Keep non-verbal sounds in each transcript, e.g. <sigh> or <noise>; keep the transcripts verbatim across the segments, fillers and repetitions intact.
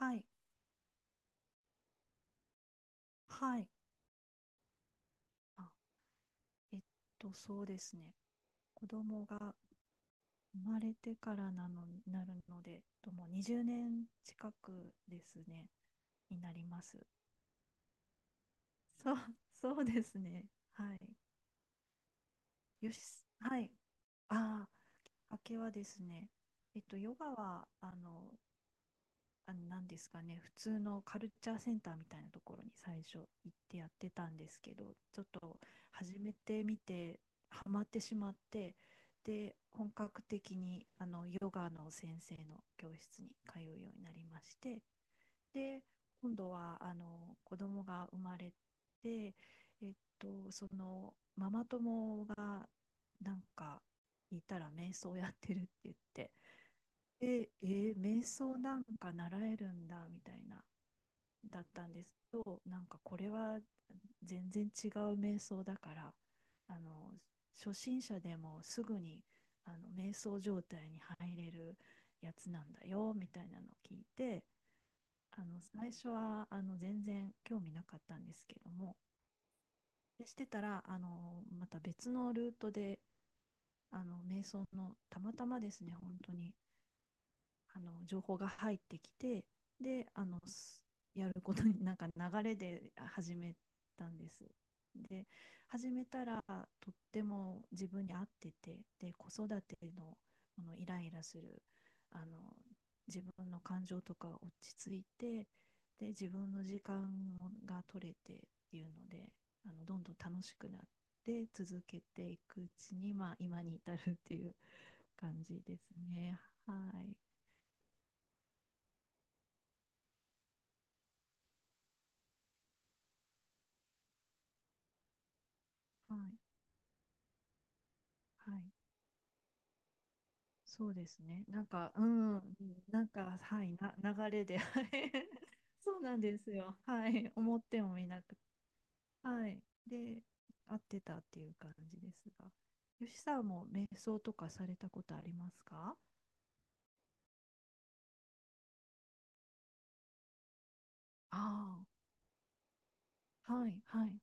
はい、はい。あ、えっと、そうですね。子供が生まれてからなの、なるので、ともうにじゅうねん近くですね、になります。そう、<laughs> そうですね。はい。よし、はい。ああ、明けはですね、えっと、ヨガは、あの、あのなんですかね、普通のカルチャーセンターみたいなところに最初行ってやってたんですけど、ちょっと始めてみてハマってしまって、で本格的にあのヨガの先生の教室に通うようになりまして、で今度はあの子供が生まれて、えっとそのママ友がなんかいたら瞑想やってるって言って、で、えー瞑想なんか習えるんだみたいなだったんですけど、なんかこれは全然違う瞑想だから、あの初心者でもすぐにあの瞑想状態に入れるやつなんだよみたいなのを聞いて、あの最初はあの全然興味なかったんですけども、でしてたらあのまた別のルートであの瞑想の、たまたまですね、本当に。あの情報が入ってきて、であのやることになんか流れで始めたんです。で始めたらとっても自分に合ってて、で子育てのこのイライラするあの自分の感情とか落ち着いて、で自分の時間が取れてっていうので、あのどんどん楽しくなって続けていくうちに、まあ、今に至るっていう感じですね。はい、はい、はい、そうですね。なんか、うん、うん、なんか、はい、な、流れで、はい。 <laughs> そうなんですよ。はい、思ってもみなく、はい、で、合ってたっていう感じですが、吉さんも瞑想とかされたことありますか？ああ、はい、はい、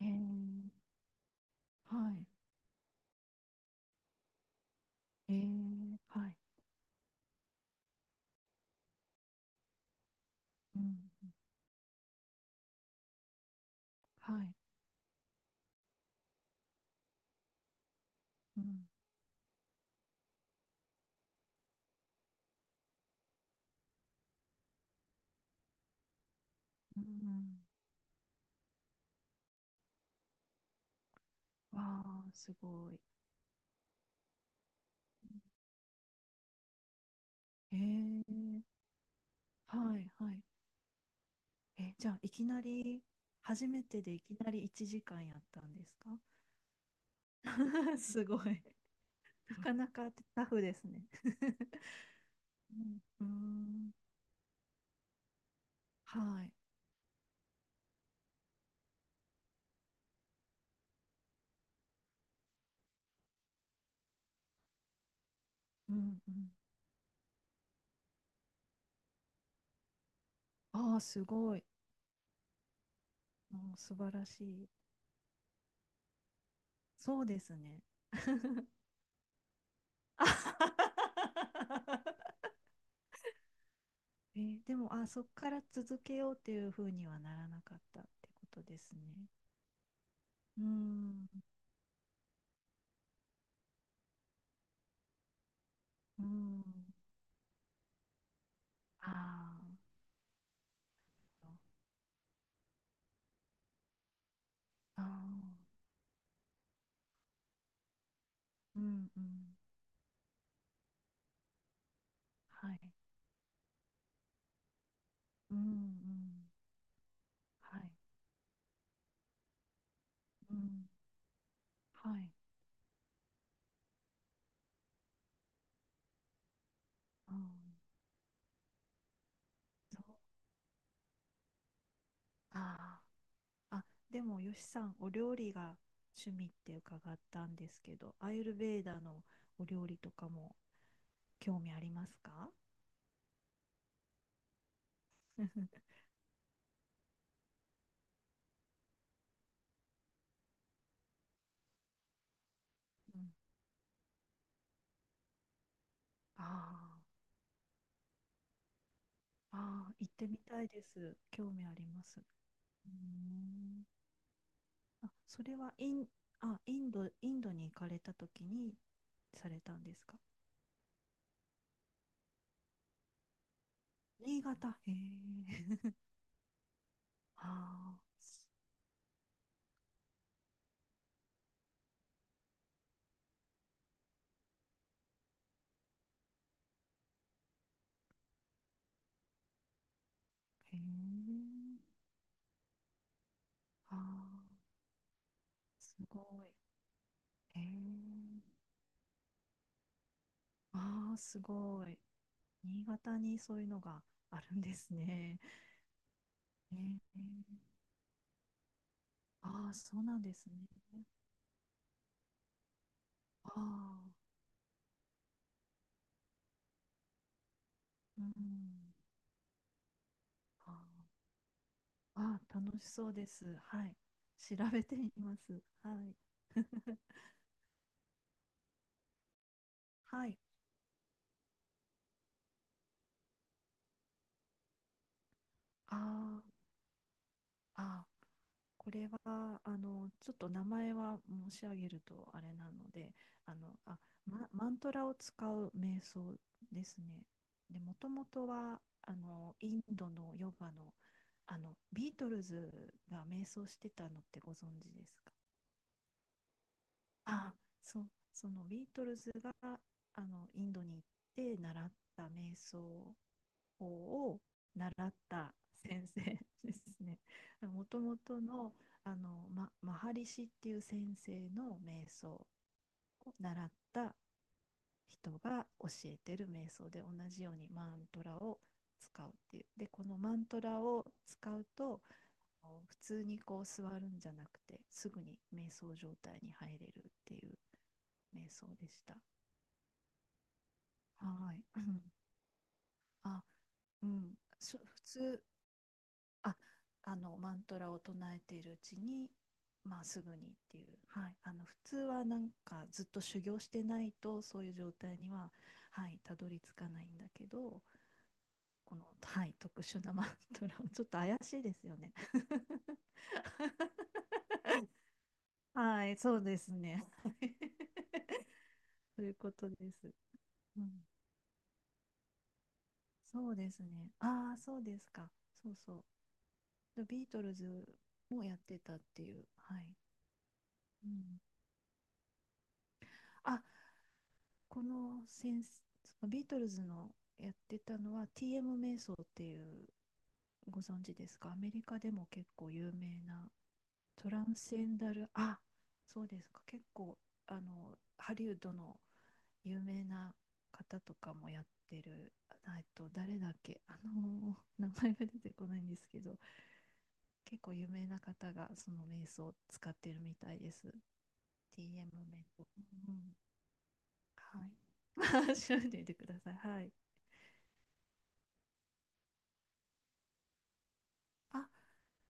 えー、はい、えー、はい、うん、はい、うん、うん、わあ、すごい。えー、はい、はい。え、じゃあ、いきなり、初めてでいきなりいちじかんやったんですか？ <laughs> すごい。なかなかタフですね。<laughs> うん、うーん、はい。うん、うん。ああ、すごい。もう素晴らしい。そうですね。<laughs> あはは。えーでも、あ、そこから続けようっていうふうにはならなかったってことですね。うーん、うーん、あー、あー、うん、うん、はい。うん、うん、はい。うん。はい。うん。そうか。あー、あ、でも、よしさん、お料理が趣味って伺ったんですけど、アーユルベーダのお料理とかも興味ありますか？ <laughs> うん。あー、あー、あ、行ってみたいです。興味あります。うーん。あ、それはイン、あ、インド、インドに行かれた時にされたんですか？新潟。へえ。<laughs> ああ。へえ。あー、すごい。えー、ああ、すごい。新潟にそういうのがあるんですね。えー、えー、ああ、そうなんですね。ああ、うん。あー、あー、楽しそうです。はい。調べてみます。はい。はい。あー、あ、これはあのちょっと名前は申し上げるとあれなので、あの、あ、ま、マントラを使う瞑想ですね。でもともとはあのインドのヨガの、あのビートルズが瞑想してたのってご存知ですか？あ、そう、そのビートルズがあのインドに行って習った瞑想法を習った先生ですね。<laughs> もともとの、あの、ま、マハリシっていう先生の瞑想を習った人が教えてる瞑想で、同じようにマントラを使うっていう。で、このマントラを使うと、普通にこう座るんじゃなくて、すぐに瞑想状態に入れるっていう瞑想でした。はい。<laughs> あ、うん。普通、あ、あのマントラを唱えているうちに、まあ、すぐにっていう、はい、あの普通はなんかずっと修行してないとそういう状態には、はい、たどり着かないんだけど、この、はい、特殊なマントラ、ちょっと怪しいですよね。<laughs> はい、そうですね。<laughs> そういうことです。うん、そうですね。ああ、そうですか。そう、そう。でビートルズもやってたっていう。はい。うん、あ、この先そのビートルズのやってたのは ティーエム 瞑想っていう、ご存知ですか？アメリカでも結構有名な、トランセンダルあ、そうですか、結構あのハリウッドの有名な方とかもやってる、あえっと誰だっけ、あの名前が出てこないんですけど、結構有名な方がその瞑想を使ってるみたいです。 ティーエム 瞑想、うん、はい。 <laughs> 調べてみてください、はい。あ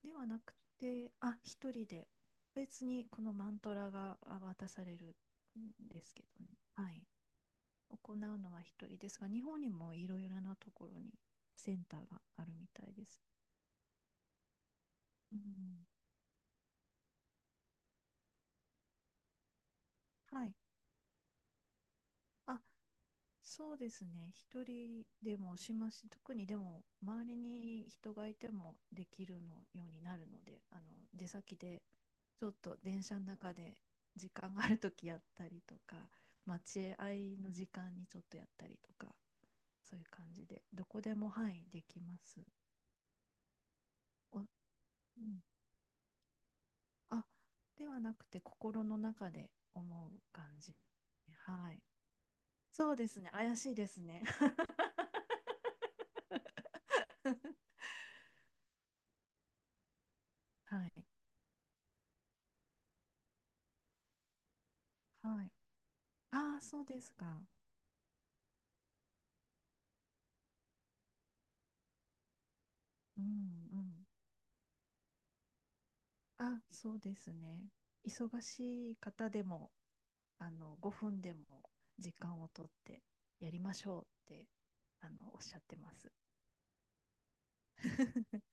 ではなくて、あ、一人で、別にこのマントラが、あ渡されるんですけどね、はい、行うのは一人ですが、日本にもいろいろなところにセンターがあるみたいです。うん、はい。あ、そうですね。一人でもしますし、特にでも周りに人がいてもできるのようになるので、あの出先でちょっと電車の中で時間があるときやったりとか、待合の時間にちょっとやったりとか、そういう感じでどこでも、はい、できます。お、うん、あ、ではなくて心の中で思う感じ。はい。そうですね。怪しいですね。<laughs> はい。はい。ああ、そうですか。うん、うん。あ、そうですね。忙しい方でも、あの、ごふんでも時間をとってやりましょうって、あの、おっしゃってます。<laughs>